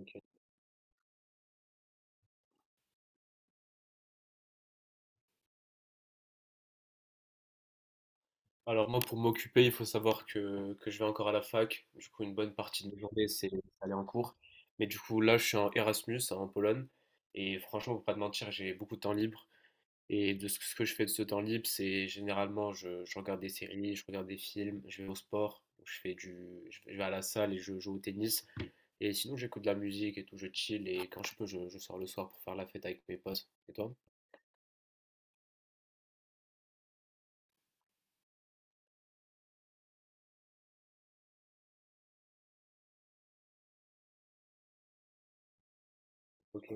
OK. Alors moi, pour m'occuper, il faut savoir que je vais encore à la fac. Du coup, une bonne partie de mes journées, c'est aller en cours. Mais du coup, là, je suis en Erasmus, hein, en Pologne. Et franchement, pour pas te mentir, j'ai beaucoup de temps libre. Et de ce que je fais de ce temps libre, c'est généralement, je regarde des séries, je regarde des films, je vais au sport, donc je vais à la salle et je joue au tennis. Et sinon, j'écoute de la musique et tout, je chill, et quand je peux, je sors le soir pour faire la fête avec mes potes. Et toi? Ok.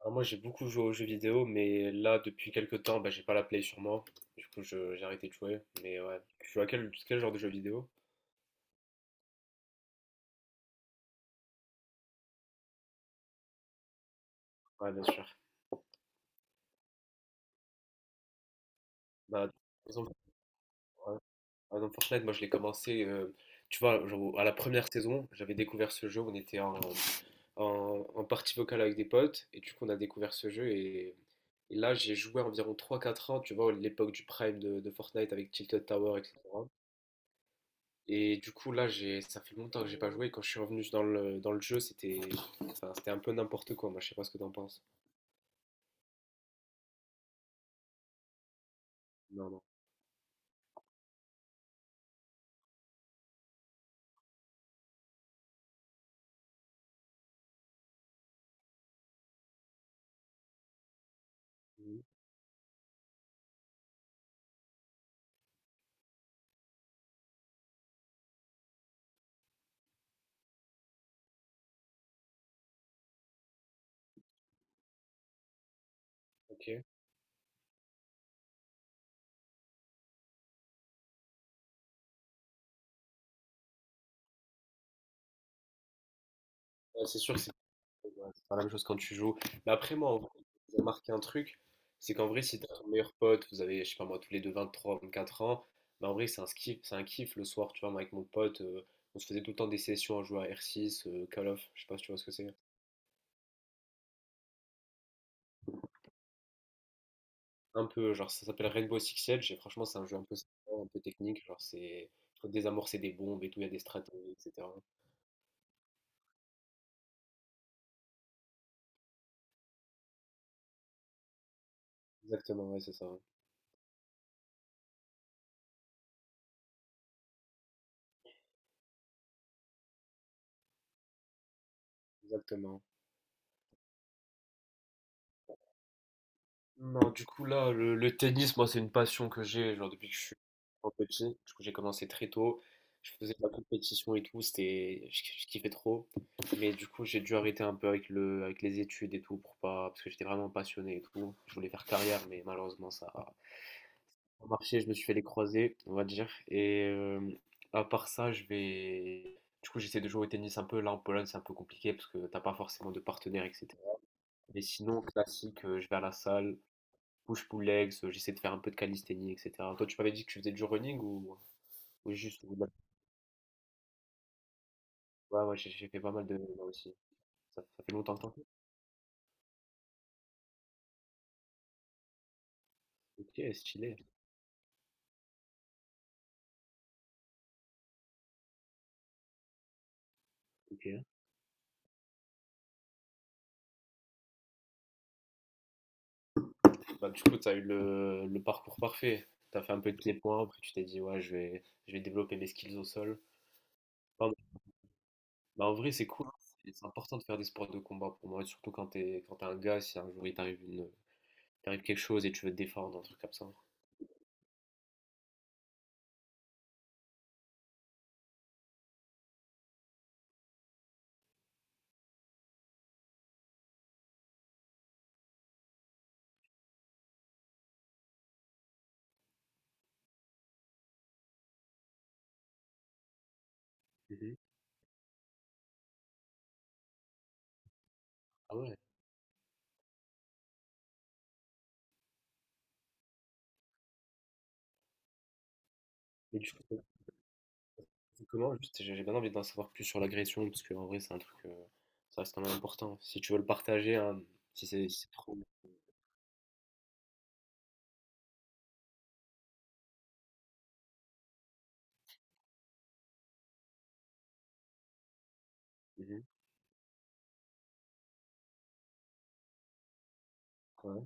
Alors moi, j'ai beaucoup joué aux jeux vidéo, mais là, depuis quelques temps, bah, j'ai pas la Play sur moi. Du coup, j'ai arrêté de jouer. Mais ouais. Tu joues à quel genre de jeux vidéo? Ouais, bien sûr. Bah, par exemple. Ah non, Fortnite, moi je l'ai commencé, tu vois, genre, à la première saison. J'avais découvert ce jeu, on était en partie vocale avec des potes, et du coup on a découvert ce jeu, et là j'ai joué environ trois quatre ans, tu vois, l'époque du prime de Fortnite avec Tilted Tower, etc. Et du coup là, j'ai, ça fait longtemps que j'ai pas joué, et quand je suis revenu dans le jeu, c'était enfin, c'était un peu n'importe quoi, moi je sais pas ce que t'en penses. Non, non. Mhm. Ok. Ouais, c'est sûr que. Ouais, c'est pas la même chose quand tu joues. Mais après, moi, en vrai, j'ai remarqué un truc, c'est qu'en vrai, si t'as ton meilleur pote, vous avez, je sais pas moi, tous les deux vingt trois vingt quatre ans, bah en vrai, c'est un kiff le soir, tu vois. Moi, avec mon pote, on se faisait tout le temps des sessions à jouer à R6, Call of, je sais pas si tu vois ce que c'est. Un peu, genre, ça s'appelle Rainbow Six Siege, et franchement, c'est un jeu un peu sympa, un peu technique. Genre, faut désamorcer des bombes et tout, il y a des stratégies, etc. Exactement, ouais, c'est ça, exactement. Non, du coup, là, le tennis, moi, c'est une passion que j'ai, genre, depuis que je suis trop petit. Du coup, j'ai commencé très tôt. Je faisais de la compétition et tout, je kiffais trop. Mais du coup, j'ai dû arrêter un peu avec avec les études et tout. Pour pas, Parce que j'étais vraiment passionné et tout, je voulais faire carrière, mais malheureusement, ça a pas marché. Je me suis fait les croisés, on va dire. Et à part ça, du coup, j'essaie de jouer au tennis un peu. Là, en Pologne, c'est un peu compliqué parce que t'as pas forcément de partenaire, etc. Mais sinon, classique, je vais à la salle, push-pull legs, j'essaie de faire un peu de calisthénie, etc. Toi, tu m'avais dit que tu faisais du running ou juste ou de la- Ouais, ouais, j'ai fait pas mal de running moi aussi. Ça fait longtemps que t'en fais. Ok, stylé. Ok. Bah, du coup, tu as eu le parcours parfait. Tu as fait un peu de pieds-points, après tu t'es dit, ouais, je vais développer mes skills au sol. Pardon. Bah, en vrai, c'est cool, hein. C'est important de faire des sports de combat pour moi, surtout quand t'es un gars. Si un jour t'arrive quelque chose et tu veux te défendre, un truc comme ça. Mhm. Ah ouais. Mais du coup, comment? Juste, j'ai bien envie d'en savoir plus sur l'agression, parce que en vrai, c'est un truc, ça reste quand même important. Si tu veux le partager, hein, si c'est trop. Mhm. Ouais.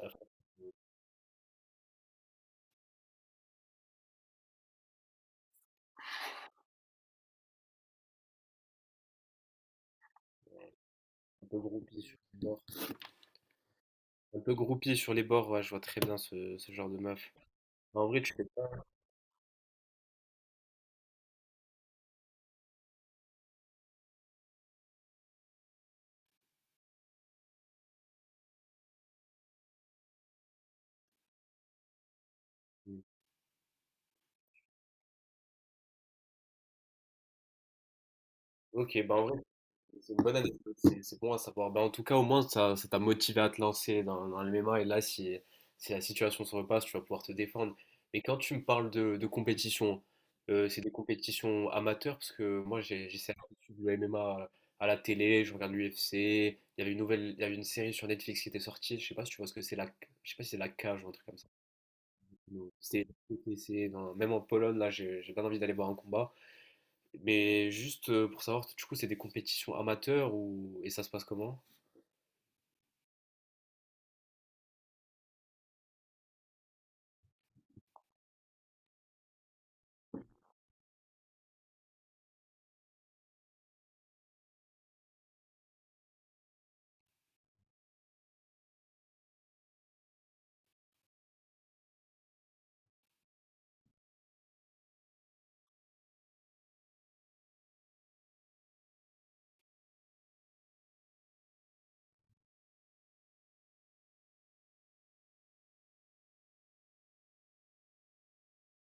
Alors. Un peu groupie sur les bords. Un peu groupie sur les bords, ouais, je vois très bien ce genre de meuf. En vrai, tu fais pas. Mmh. Ok, bah en vrai. C'est une bonne anecdote, c'est bon à savoir. Ben, en tout cas, au moins, ça t'a motivé à te lancer dans le MMA. Et là, si la situation se repasse, tu vas pouvoir te défendre. Mais quand tu me parles de compétition, c'est des compétitions amateurs? Parce que moi, j'essaie de suivre le MMA à la télé, je regarde l'UFC. Il y avait une série sur Netflix qui était sortie. Je sais pas si tu vois ce que c'est, la, je sais pas si c'est la cage ou un truc comme ça. C'est, Même en Pologne, là, j'ai bien envie d'aller voir un combat. Mais juste pour savoir, du coup, c'est des compétitions amateurs ou, et ça se passe comment?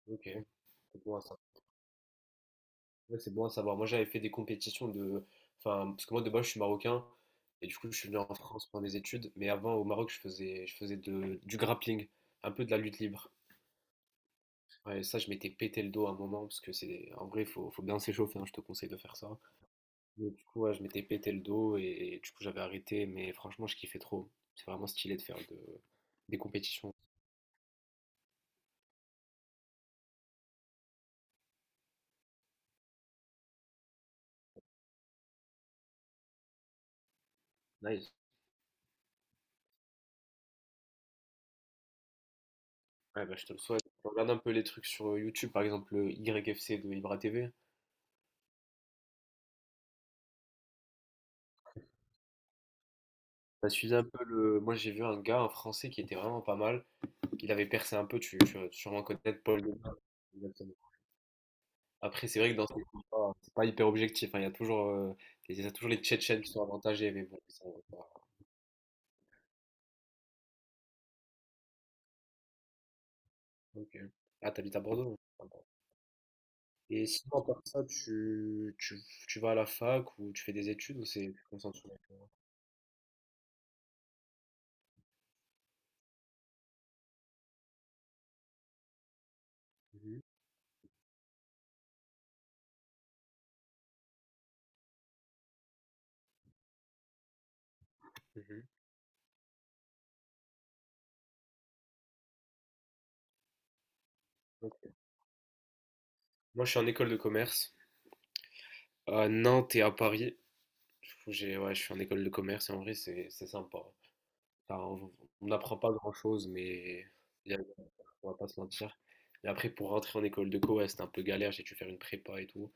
Ok, c'est bon à savoir. Ouais, c'est bon à savoir. Moi, j'avais fait des compétitions enfin, parce que moi de base, je suis marocain et du coup, je suis venu en France pour mes études. Mais avant, au Maroc, je faisais du grappling, un peu de la lutte libre. Ouais, et ça, je m'étais pété le dos à un moment parce que en vrai, faut bien s'échauffer, hein, je te conseille de faire ça. Mais du coup, ouais, je m'étais pété le dos et, du coup, j'avais arrêté. Mais franchement, je kiffais trop. C'est vraiment stylé de faire des compétitions. Nice. Ouais, bah, je te le souhaite. Regarde un peu les trucs sur YouTube, par exemple le YFC de Ibra TV. T'as suivi un peu le. Moi j'ai vu un gars, un Français qui était vraiment pas mal. Il avait percé un peu, tu vas sûrement connaître Paul Lema. Exactement. Après, c'est vrai que dans ces combats, c'est pas hyper objectif, hein. Il y a toujours, il y a toujours les Tchétchènes qui sont avantagés, mais bon, ok. Ah, t'habites à Bordeaux? Ah bon. Et sinon, à part ça, tu vas à la fac ou tu fais des études, ou c'est tu te concentres sur. Mhm, mhm. Donc, moi, je suis en école de commerce à Nantes et à Paris. Du coup, ouais, je suis en école de commerce et en vrai, c'est sympa. Enfin, on n'apprend pas grand-chose, mais y a- on va pas se mentir. Et après, pour rentrer en école de co, ouais, c'était un peu galère, j'ai dû faire une prépa et tout.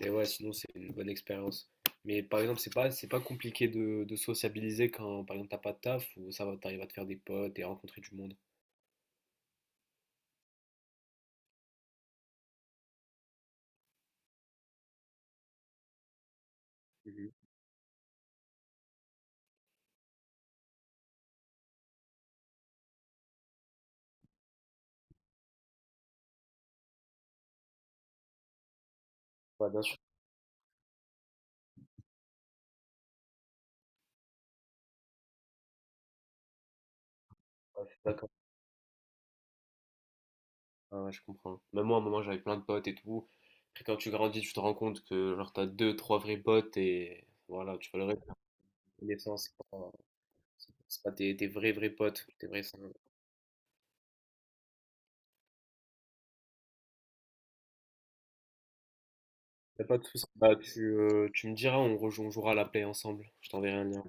Mais ouais, sinon, c'est une bonne expérience. Mais par exemple, c'est pas compliqué de sociabiliser, quand, par exemple, t'as pas de taf ou ça va, t'arrives à te faire des potes et rencontrer du monde. Mhm. Ouais, bien sûr, ouais, je suis d'accord. Ouais, ouais, je comprends. Même moi, à un moment, j'avais plein de potes et tout. Après, quand tu grandis, tu te rends compte que, genre, t'as deux, trois vrais potes et voilà. tu vas le Des fois, c'est pas tes vrais, vrais potes. Tes vrais. Pas de soucis. Bah, tu me diras, on jouera à la play ensemble. Je t'enverrai un lien.